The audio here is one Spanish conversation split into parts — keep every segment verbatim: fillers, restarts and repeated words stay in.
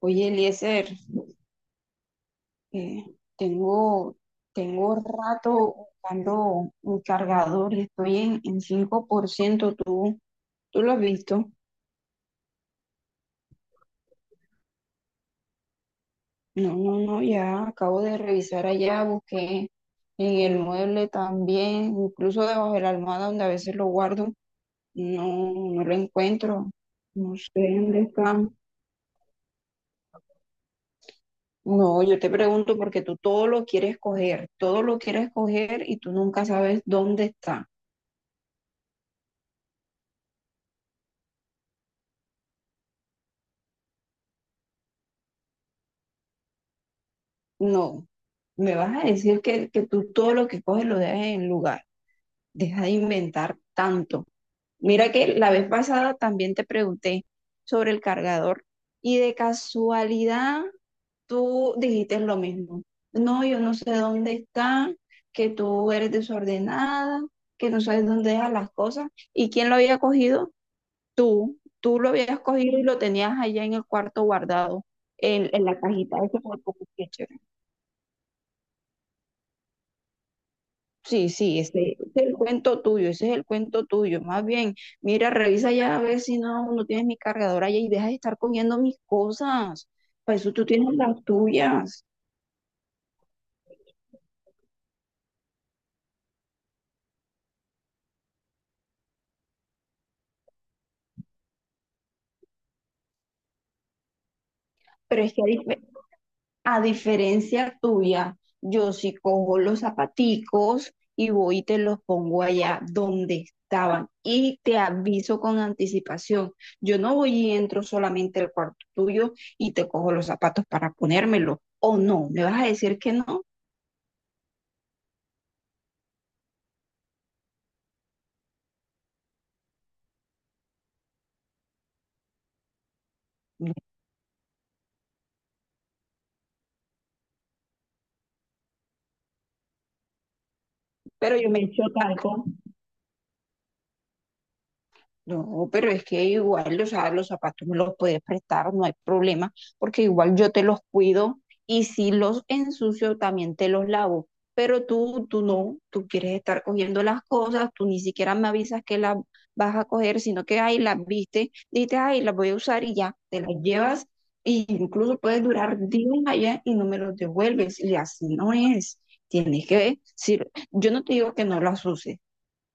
Oye, Eliezer, eh, tengo, tengo rato buscando un cargador y estoy en, en cinco por ciento. ¿Tú, tú lo has visto? No, no, no, ya acabo de revisar allá, busqué en el mueble también, incluso debajo de la almohada donde a veces lo guardo. No, no lo encuentro. No sé dónde está. No, yo te pregunto porque tú todo lo quieres coger, todo lo quieres coger y tú nunca sabes dónde está. No, me vas a decir que, que tú todo lo que coges lo dejas en el lugar. Deja de inventar tanto. Mira que la vez pasada también te pregunté sobre el cargador y de casualidad tú dijiste lo mismo. No, yo no sé dónde está, que tú eres desordenada, que no sabes dónde dejas las cosas. ¿Y quién lo había cogido? Tú. Tú lo habías cogido y lo tenías allá en el cuarto guardado, en, en la cajita de ese. Sí, sí, ese ese es el cuento tuyo, ese es el cuento tuyo. Más bien, mira, revisa ya a ver si no, no tienes mi cargador allá y deja de estar cogiendo mis cosas. Para eso tú tienes las tuyas. Pero es que a, dif- a diferencia tuya, yo sí cojo los zapaticos y voy y te los pongo allá donde estaban y te aviso con anticipación. Yo no voy y entro solamente al cuarto tuyo y te cojo los zapatos para ponérmelo. ¿O no? ¿Me vas a decir que no? Pero yo me echo talco. No, pero es que igual, o sea, los zapatos me los puedes prestar, no hay problema, porque igual yo te los cuido y si los ensucio también te los lavo. Pero tú, tú no, tú quieres estar cogiendo las cosas, tú ni siquiera me avisas que las vas a coger, sino que ahí las viste, dices, ay, las voy a usar y ya, te las llevas e incluso puedes durar días allá y no me los devuelves y así no es. Tienes que, si, yo no te digo que no las uses.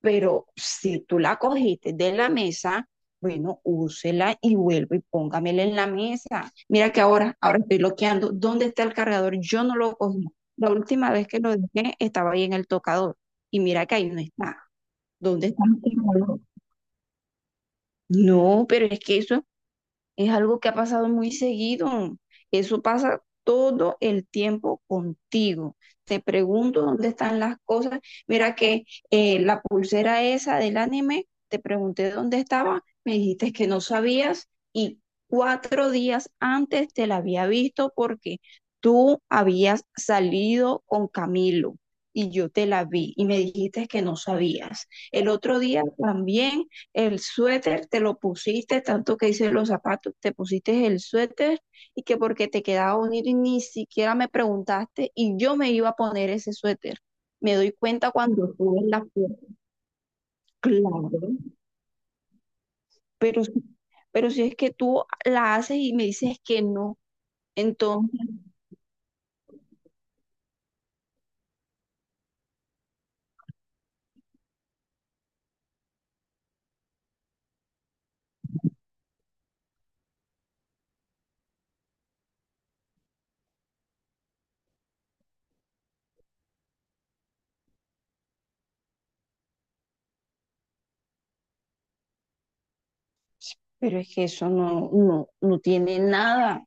Pero si tú la cogiste de la mesa, bueno, úsela y vuelvo y póngamela en la mesa. Mira que ahora, ahora estoy bloqueando. ¿Dónde está el cargador? Yo no lo cogí. La última vez que lo dejé estaba ahí en el tocador. Y mira que ahí no está. ¿Dónde está el cargador? No, pero es que eso es algo que ha pasado muy seguido. Eso pasa todo el tiempo contigo. Te pregunto dónde están las cosas. Mira que eh, la pulsera esa del anime, te pregunté dónde estaba, me dijiste que no sabías y cuatro días antes te la había visto porque tú habías salido con Camilo. Y yo te la vi y me dijiste que no sabías. El otro día también el suéter, te lo pusiste, tanto que hice los zapatos, te pusiste el suéter y que porque te quedaba bonito y ni siquiera me preguntaste y yo me iba a poner ese suéter. Me doy cuenta cuando subes la foto. Claro, pero, si- pero si es que tú la haces y me dices que no, entonces, pero es que eso no, no, no tiene nada.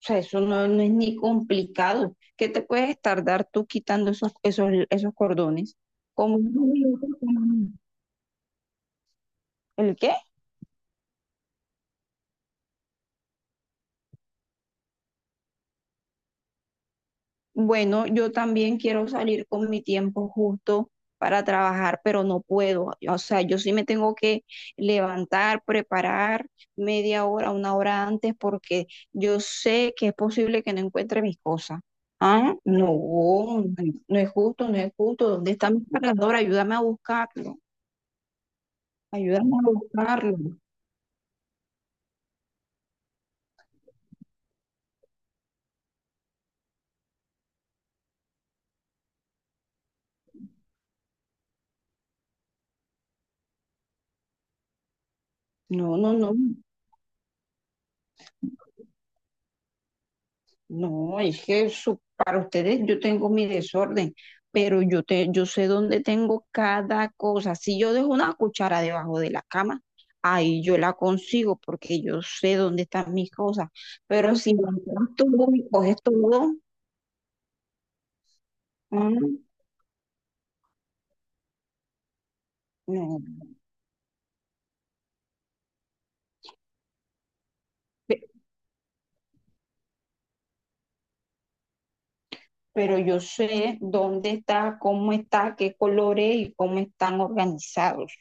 O sea, eso no, no es ni complicado. ¿Qué te puedes tardar tú quitando esos, esos, esos cordones? Como unos minutos, como ¿el qué? Bueno, yo también quiero salir con mi tiempo justo para trabajar, pero no puedo. O sea, yo sí me tengo que levantar, preparar media hora, una hora antes, porque yo sé que es posible que no encuentre mis cosas. Ah, no, no es justo, no es justo. ¿Dónde está mi cargador? Ayúdame a buscarlo. Ayúdame a buscarlo. No, no, no. No, es que eso, para ustedes yo tengo mi desorden, pero yo, te, yo sé dónde tengo cada cosa. Si yo dejo una cuchara debajo de la cama, ahí yo la consigo porque yo sé dónde están mis cosas. Pero si las tú y coges todo. Mm, no. Pero yo sé dónde está, cómo está, qué colores y cómo están organizados.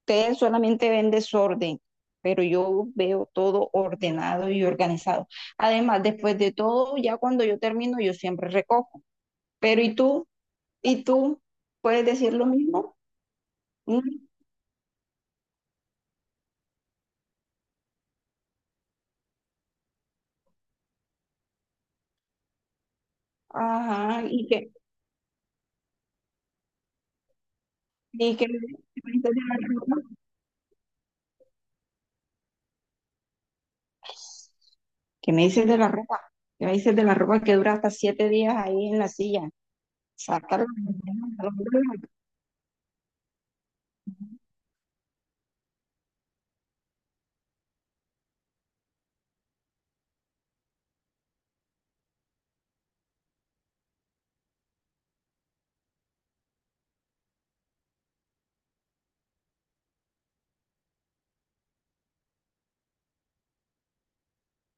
Ustedes solamente ven desorden, pero yo veo todo ordenado y organizado. Además, después de todo, ya cuando yo termino, yo siempre recojo. Pero ¿y tú? ¿Y tú puedes decir lo mismo? Mm. Ajá, ¿y qué? ¿Y qué ¿Qué me dices de la ropa? ¿Qué me dices de la ropa? ¿Qué me dices de la ropa que dura hasta siete días ahí en la silla? Sácala.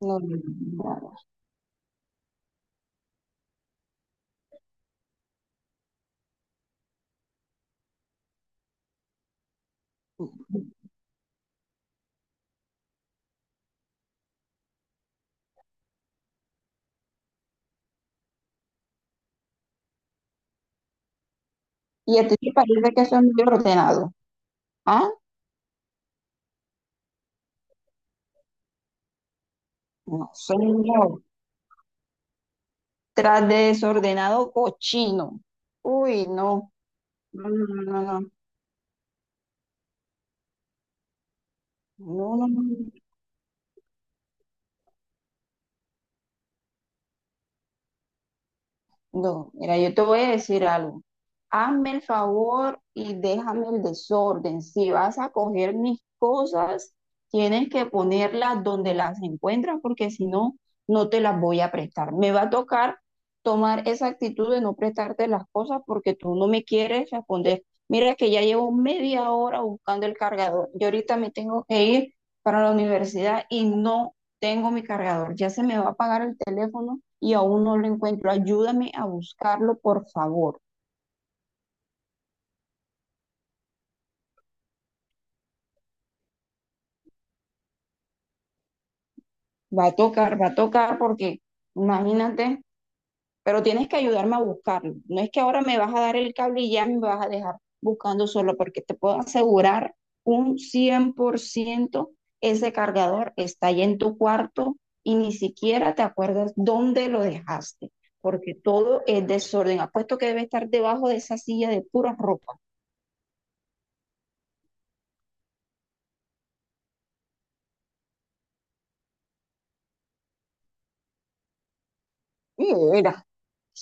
No, no, no. ¿Y a ti te parece que soy muy ordenado? ¿Ah? No, señor. Tras de desordenado cochino. Uy, no. No, no, no, no. No, no, no, no. No, mira, yo te voy a decir algo. Hazme el favor y déjame el desorden. Si vas a coger mis cosas, tienes que ponerlas donde las encuentras, porque si no, no te las voy a prestar. Me va a tocar tomar esa actitud de no prestarte las cosas porque tú no me quieres responder. Mira que ya llevo media hora buscando el cargador. Yo ahorita me tengo que ir para la universidad y no tengo mi cargador, ya se me va a apagar el teléfono y aún no lo encuentro. Ayúdame a buscarlo, por favor. Va a tocar, va a tocar porque, imagínate, pero tienes que ayudarme a buscarlo. No es que ahora me vas a dar el cable y ya me vas a dejar buscando solo, porque te puedo asegurar un cien por ciento ese cargador está ahí en tu cuarto y ni siquiera te acuerdas dónde lo dejaste, porque todo es desorden. Apuesto que debe estar debajo de esa silla de pura ropa. Mira,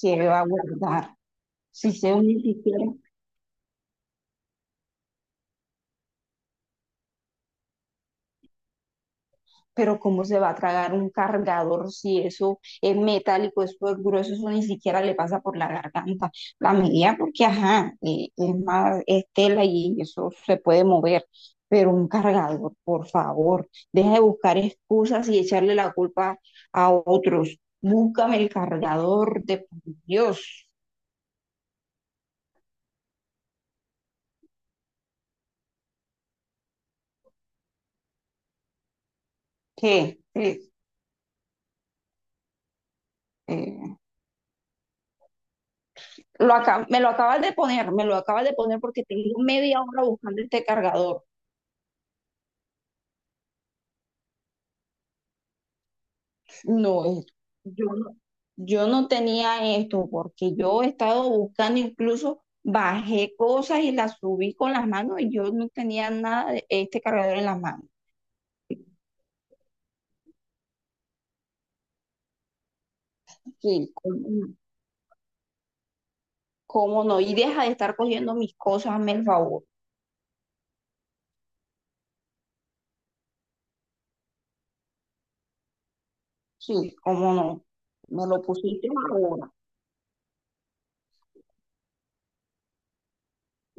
¿qué va a guardar? Si se ni siquiera, pero ¿cómo se va a tragar un cargador si eso es metálico, eso es grueso, eso ni siquiera le pasa por la garganta? La medida, porque ajá, eh, es más, es tela y eso se puede mover, pero un cargador, por favor, deja de buscar excusas y echarle la culpa a otros. Búscame el cargador de por Dios. ¿Qué? ¿Qué? Lo acá, me lo acabas de poner, me lo acabas de poner porque tengo media hora buscando este cargador. No, es- yo no, yo no tenía esto porque yo he estado buscando, incluso bajé cosas y las subí con las manos y yo no tenía nada de este cargador en las manos. Sí, cómo, no, cómo no. Y deja de estar cogiendo mis cosas, hazme el favor. Sí, cómo no. Me lo pusiste ahora.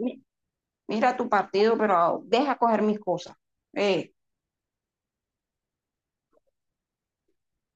Mi- Mira tu partido, pero deja coger mis cosas. Eh.